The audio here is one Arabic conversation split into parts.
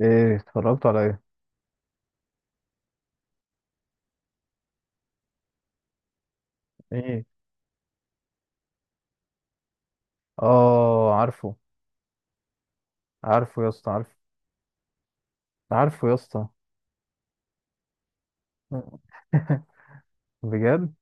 ايه، اتفرجت على ايه؟ ايه. اه، عارفه. عارفه يا اسطى. عارفه. عارفه يا اسطى. بجد.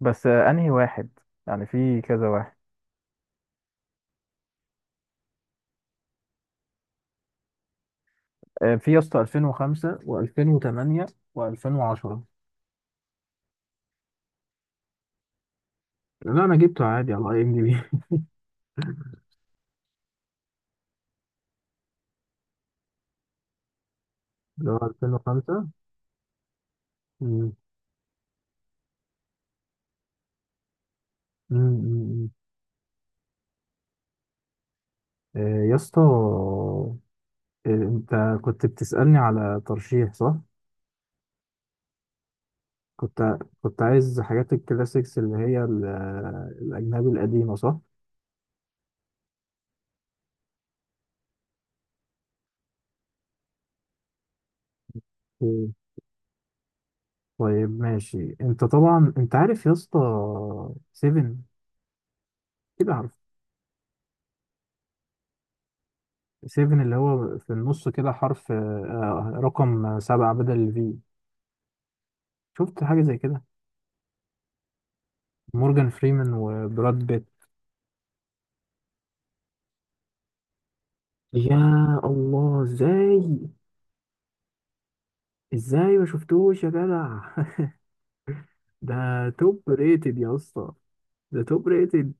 بس انهي واحد؟ يعني في كذا واحد. آه، في يا اسطى 2005 و2008 و2010. لا، انا جبته عادي على اي ام دي بي. اللي هو 2005. مم. مم. مم. آه، يا اسطى، انت كنت بتسألني على ترشيح صح؟ كنت كنت عايز حاجات الكلاسيكس اللي هي الأجنبي القديمة صح؟ طيب، ماشي. انت طبعا انت عارف يا اسطى 7، كده عارف. 7 اللي هو في النص كده حرف، رقم 7 بدل الفي. شفت حاجة زي كده؟ مورجان فريمان وبراد بيت. يا الله، ازاي؟ ازاي ما شفتوش يا جدع؟ ده توب ريتد يا اسطى. ده توب ريتد.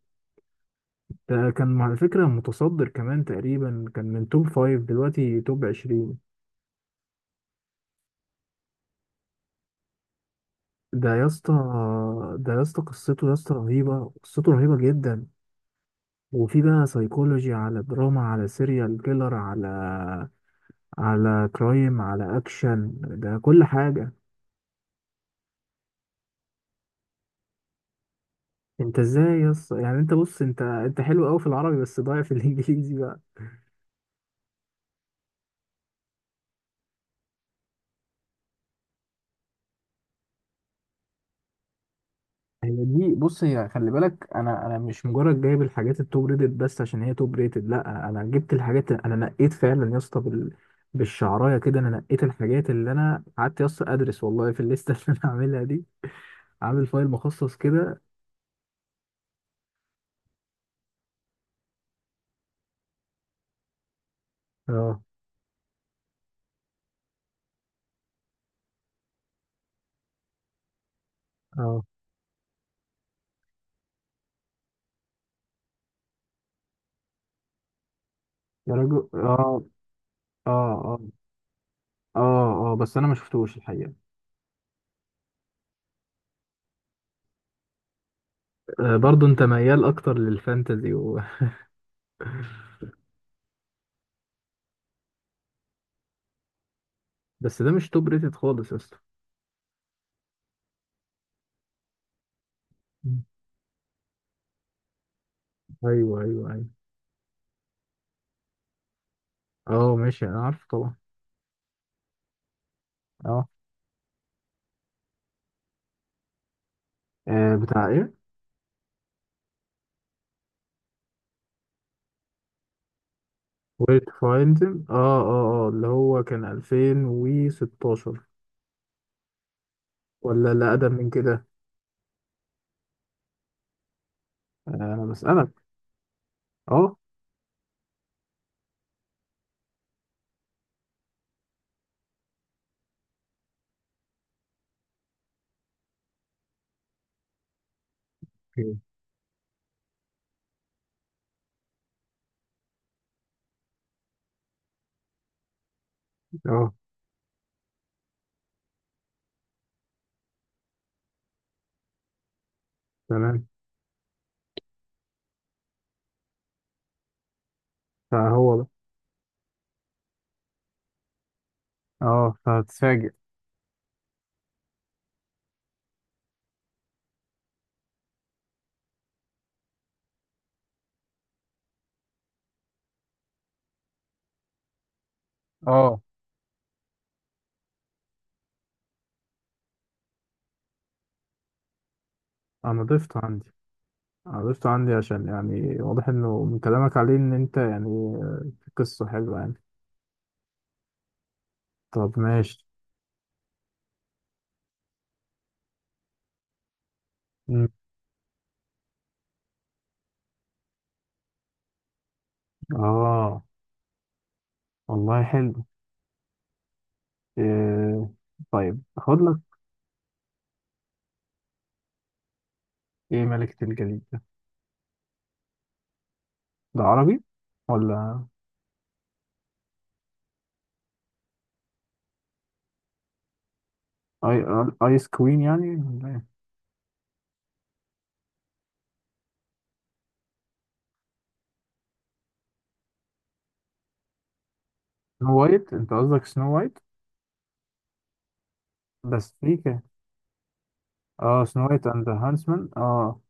ده كان على فكرة متصدر كمان، تقريبا كان من توب فايف، دلوقتي توب 20. ده يا اسطى ده يا اسطى قصته يا اسطى رهيبة، قصته رهيبة جدا. وفي بقى سايكولوجي، على دراما، على سيريال كيلر، على كرايم، على اكشن. ده كل حاجة. انت ازاي يا اسطى؟ يعني انت بص، انت حلو قوي في العربي بس ضايع في الانجليزي بقى. هي دي، بص، هي خلي بالك، انا مش مجرد جايب الحاجات التوب ريتد بس عشان هي توب ريتد. لا، انا جبت الحاجات، انا نقيت فعلا يا اسطى بالشعرايه كده. انا نقيت الحاجات اللي انا قعدت يا اسطى ادرس والله في الليسته اللي انا عاملها دي. عامل فايل مخصص كده. اه. اه يا رجل. اه. اه. اه. اه. اه، بس انا ما شفتوش الحقيقة. آه، برضو انت ميال اكتر للفانتزي و. بس ده مش توب ريتد خالص يا اسطى. مم. ايوه، ايوه، ايوه. اه، ماشي. انا عارفه طبعا. اه. بتاع ايه؟ وير تو فايند. اه. اه، اه، اللي هو كان 2016. ولا لا، اقدم من كده. آه، انا بسألك. اه. أوكي. اه، تمام. فهو ده. اه، فهتتفاجئ. اه، انا ضفته عندي. عرفته عندي عشان يعني واضح انه من كلامك عليه ان انت يعني، في قصة حلوة يعني. طب، ماشي. مم. اه، والله حلو. إيه؟ طيب، اخد لك. ايه ملكة الجليد ده؟ ده عربي ولا؟ اي، ايس كوين يعني ولا إيه؟ سنو وايت؟ انت قصدك سنو وايت؟ بس في اه، سنو وايت اند هانسمان. اه.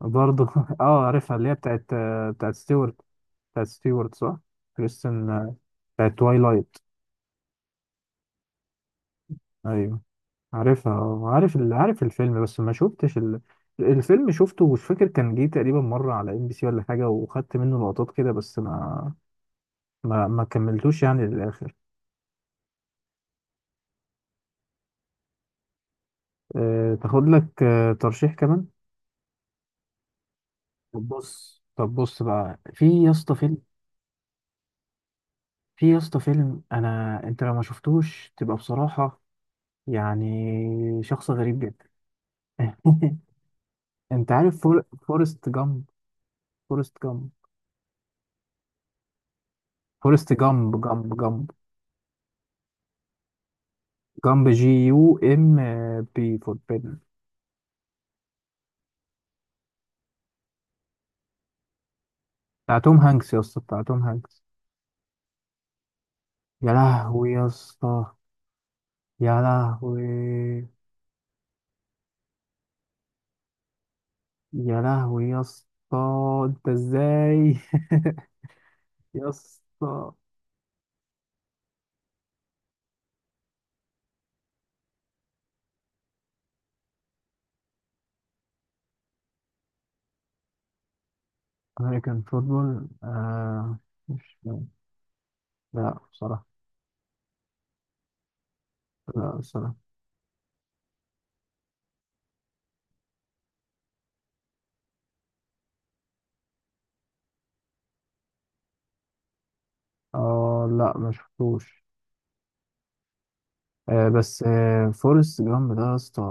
برضه. اه، عارفها اللي هي بتاعت. بتاعت ستيوارت. بتاعت ستيوارت صح؟ كريستن، بتاعت توايلايت. ايوه. عارفها، عارف عارف الفيلم بس ما شفتش ال. الفيلم شفته، مش فاكر، كان جه تقريبا مرة على ام بي سي ولا حاجة، وخدت منه لقطات كده بس ما كملتوش يعني للآخر. تاخد لك ترشيح كمان. طب بص، بقى في يا اسطى فيلم. في يا اسطى فيلم انا انت لو ما شفتوش تبقى بصراحة يعني شخص غريب جدا. انت عارف فورست جامب. فورست جامب. فورست جامب، جامب، جامب. جامب جي يو ام بي فور بيدن. بتاع توم هانكس يا اسطى، بتاع توم هانكس. يا لهوي يا اسطى. يا لهوي. يا لهوي يا اسطى. انت ازاي؟ يا اسطى. امريكان فوتبول، آه. مش لا بصراحة. لا بصراحة. اه، لا ما شفتوش. آه، بس فورست جامب ده يا اسطى.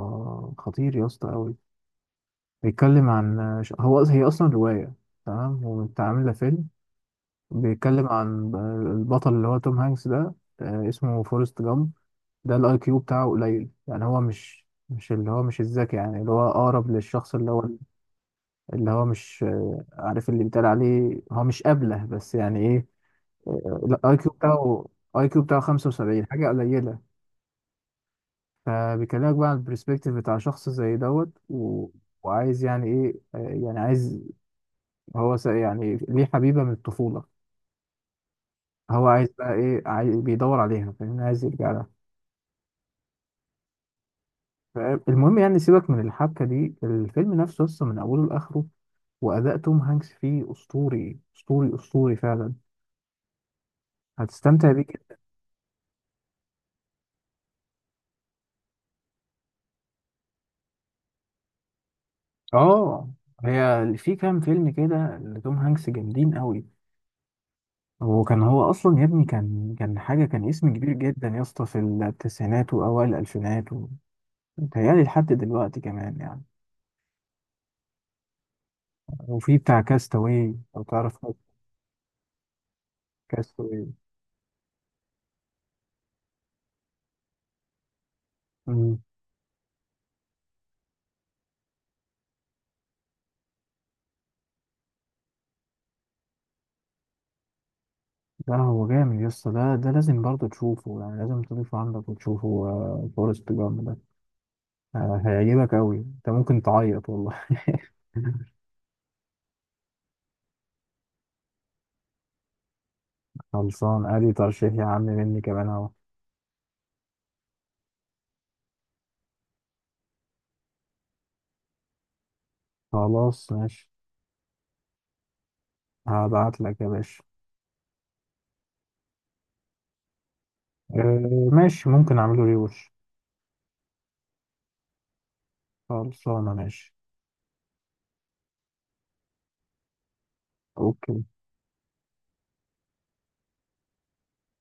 خطير يا اسطى قوي. بيتكلم عن هي اصلا رواية. تمام، ومتعاملة فيلم. بيتكلم عن البطل اللي هو توم هانكس ده، اسمه فورست جامب. ده الاي كيو بتاعه قليل، يعني هو مش اللي هو مش الذكي. يعني اللي هو اقرب للشخص اللي هو. اللي هو مش عارف اللي بيتقال عليه هو مش ابله، بس يعني ايه. الاي كيو بتاعه. اي كيو بتاعه 75، حاجه قليله. فبيكلمك بقى عن البرسبكتيف بتاع شخص زي دوت و. وعايز يعني ايه، يعني عايز، هو يعني ليه حبيبه من الطفوله. هو عايز بقى ايه؟ عايز بيدور عليها، فاهم؟ عايز يرجع لها. فاهم؟ المهم يعني، سيبك من الحبكة دي، الفيلم نفسه لسه من أوله لآخره. وأداء توم هانكس فيه أسطوري، أسطوري، أسطوري فعلا. هتستمتع بيه جدا. آه، هي في كام فيلم كده لتوم هانكس جامدين قوي. وكان هو أصلا يا ابني، كان حاجة، كان اسم كبير جدا يا اسطى في التسعينات وأوائل الألفينات متهيألي لحد دلوقتي كمان يعني. وفي بتاع كاستاوي لو تعرف. كاستاوي. لا، هو جامد يا اسطى، ده لازم برضه تشوفه، يعني لازم تضيفه عندك وتشوفه، فورست جامب ده. آه، هيعجبك قوي، انت ممكن تعيط والله. خلصان، ادي ترشيح يا عم مني كمان اهو. خلاص، ماشي. هبعت لك يا باشا. آه، ماشي. ممكن اعمله ريوش. خلصانه ماشي. اوكي.